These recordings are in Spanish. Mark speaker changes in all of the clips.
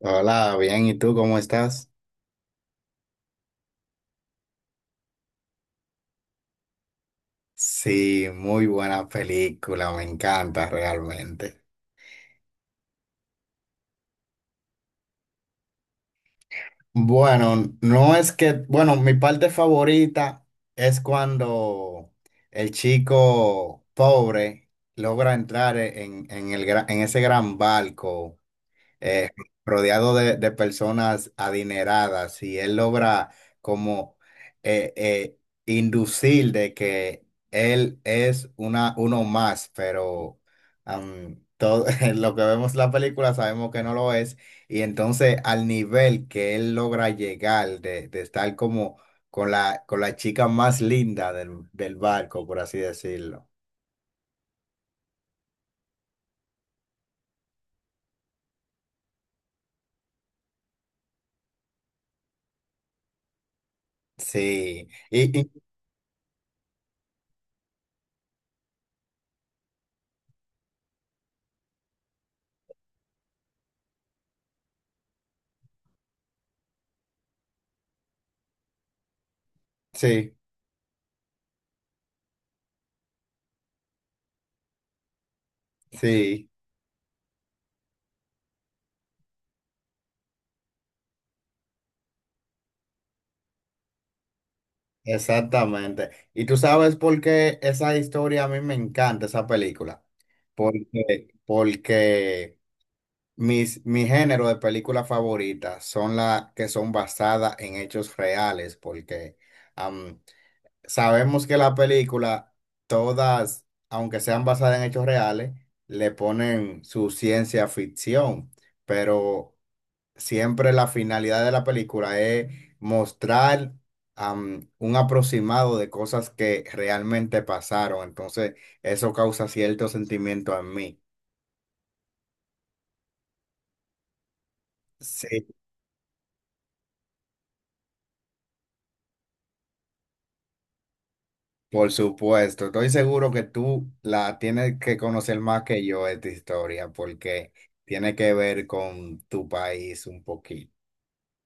Speaker 1: Hola, bien, ¿y tú cómo estás? Sí, muy buena película, me encanta realmente. Bueno, no es que, bueno, mi parte favorita es cuando el chico pobre logra entrar en el, en ese gran barco, eh, rodeado de personas adineradas y él logra como eh, eh, inducir de que él es uno más, pero en lo que vemos en la película sabemos que no lo es y entonces al nivel que él logra llegar de estar como con la chica más linda del barco, por así decirlo. Sí, sí, sí. Exactamente. Y tú sabes por qué esa historia a mí me encanta, esa película. Porque mi género de películas favoritas son las que son basadas en hechos reales, porque am, sabemos que la película, todas, aunque sean basadas en hechos reales, le ponen su ciencia ficción, pero siempre la finalidad de la película es mostrar un aproximado de cosas que realmente pasaron. Entonces, eso causa cierto sentimiento en mí. Sí. Por supuesto, estoy seguro que tú la tienes que conocer más que yo esta historia porque tiene que ver con tu país un poquito.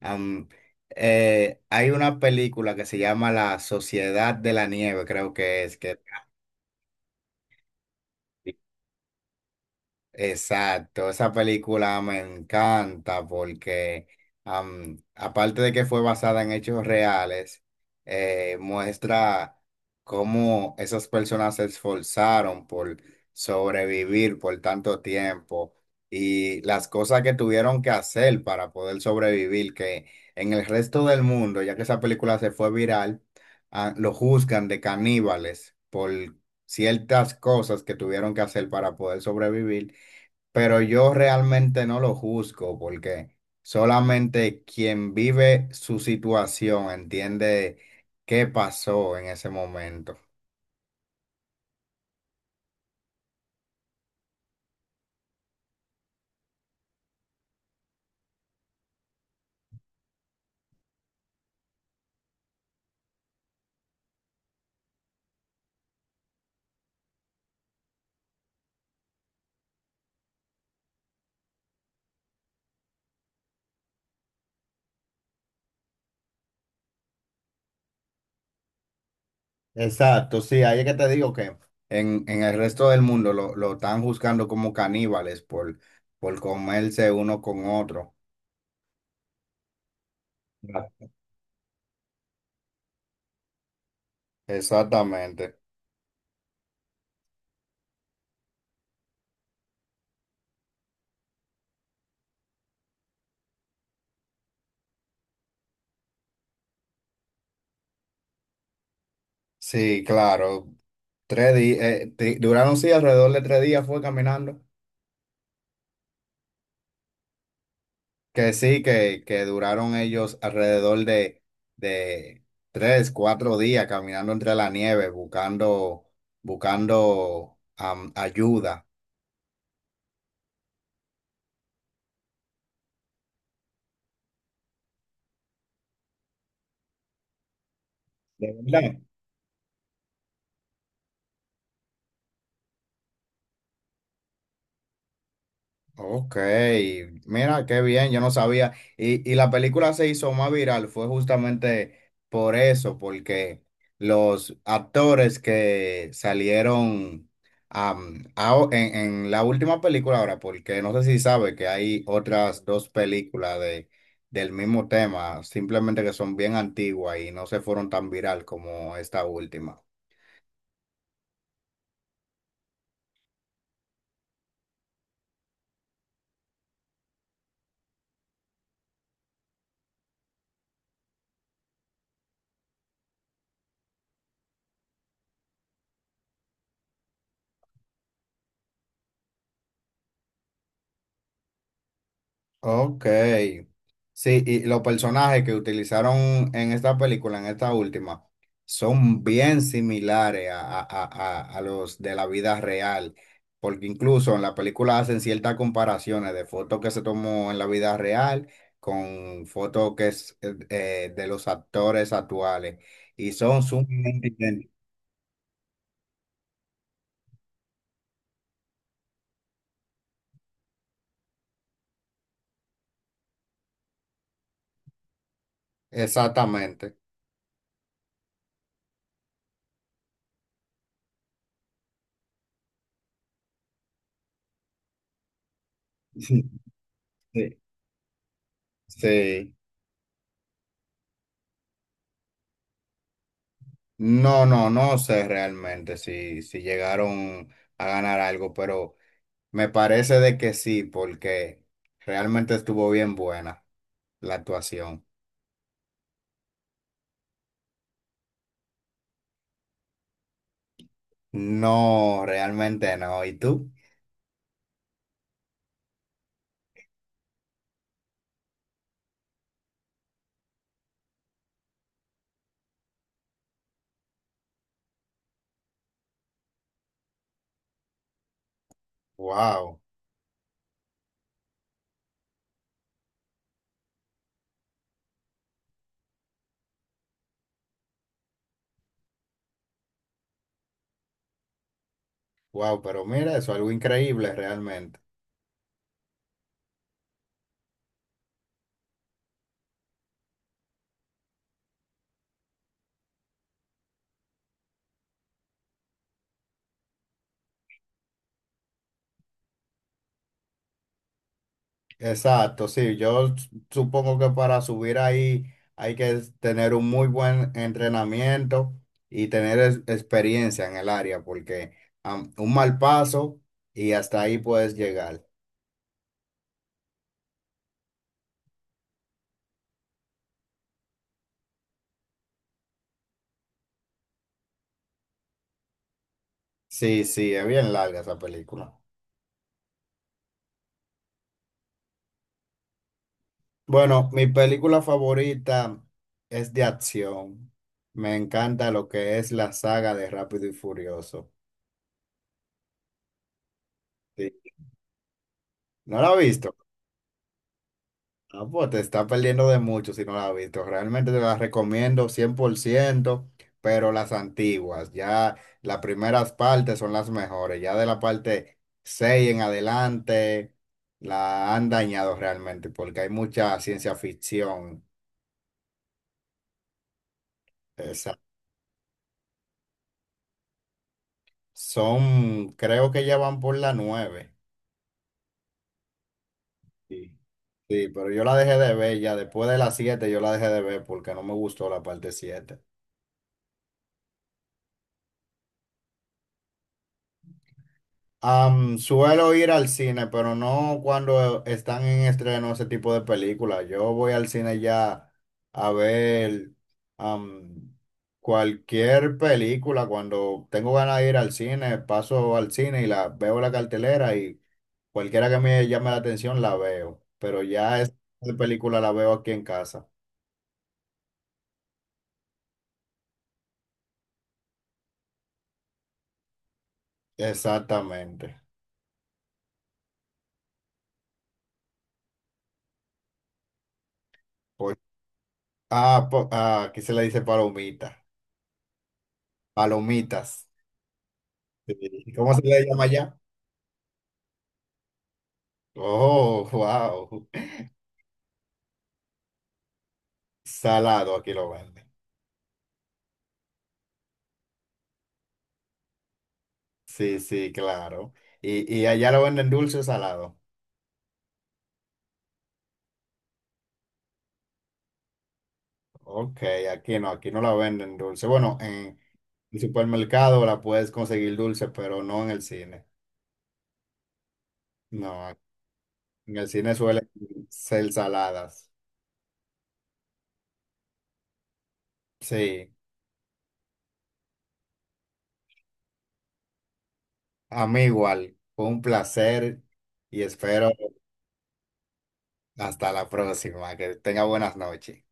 Speaker 1: Am, hay una película que se llama La Sociedad de la Nieve, creo que es que exacto, esa película me encanta porque aparte de que fue basada en hechos reales, muestra cómo esas personas se esforzaron por sobrevivir por tanto tiempo y las cosas que tuvieron que hacer para poder sobrevivir, que en el resto del mundo, ya que esa película se fue viral, lo juzgan de caníbales por ciertas cosas que tuvieron que hacer para poder sobrevivir, pero yo realmente no lo juzgo porque solamente quien vive su situación entiende qué pasó en ese momento. Exacto, sí, ahí es que te digo que en el resto del mundo lo están juzgando como caníbales por comerse uno con otro. Ah. Exactamente. Sí, claro. 3 días, duraron sí alrededor de 3 días fue caminando. Que sí, que duraron ellos alrededor de 3, 4 días caminando entre la nieve, buscando, buscando ayuda. ¿De verdad? Ok, mira qué bien, yo no sabía. Y la película se hizo más viral, fue justamente por eso, porque los actores que salieron en la última película ahora, porque no sé si sabe que hay otras dos películas del mismo tema, simplemente que son bien antiguas y no se fueron tan viral como esta última. Ok. Sí, y los personajes que utilizaron en esta película, en esta última, son bien similares a los de la vida real, porque incluso en la película hacen ciertas comparaciones de fotos que se tomó en la vida real con fotos que es de los actores actuales, y son sumamente idénticos. Exactamente. Sí. Sí. No, no, no sé realmente si llegaron a ganar algo, pero me parece de que sí, porque realmente estuvo bien buena la actuación. No, realmente no. ¿Y tú? Wow, wow, pero mira, eso es algo increíble realmente. Exacto, sí, yo supongo que para subir ahí hay que tener un muy buen entrenamiento y tener experiencia en el área, porque un mal paso y hasta ahí puedes llegar. Sí, sí, es bien larga esa película. Bueno, mi película favorita es de acción. Me encanta lo que es la saga de Rápido y Furioso. Sí. ¿No la has visto? Ah, pues te está perdiendo de mucho si no la has visto. Realmente te las recomiendo 100%, pero las antiguas, ya las primeras partes son las mejores. Ya de la parte 6 en adelante la han dañado realmente porque hay mucha ciencia ficción. Esa- son, creo que ya van por la nueve. Sí. Sí, pero yo la dejé de ver ya después de la siete, yo la dejé de ver porque no me gustó la parte siete. Suelo ir al cine, pero no cuando están en estreno ese tipo de películas. Yo voy al cine ya a ver am, cualquier película. Cuando tengo ganas de ir al cine, paso al cine y la veo la cartelera y cualquiera que me llame la atención la veo. Pero ya esa película la veo aquí en casa. Exactamente. Pues, aquí se le dice palomita, palomitas. Sí. ¿Cómo se le llama allá? Oh, wow. Salado aquí lo venden. Sí, sí, claro. Y allá lo venden dulce o salado. Ok, aquí no la venden dulce. Bueno, en el supermercado la puedes conseguir dulce, pero no en el cine. No, en el cine suelen ser saladas. Sí, a mí igual. Fue un placer y espero hasta la próxima. Que tenga buenas noches.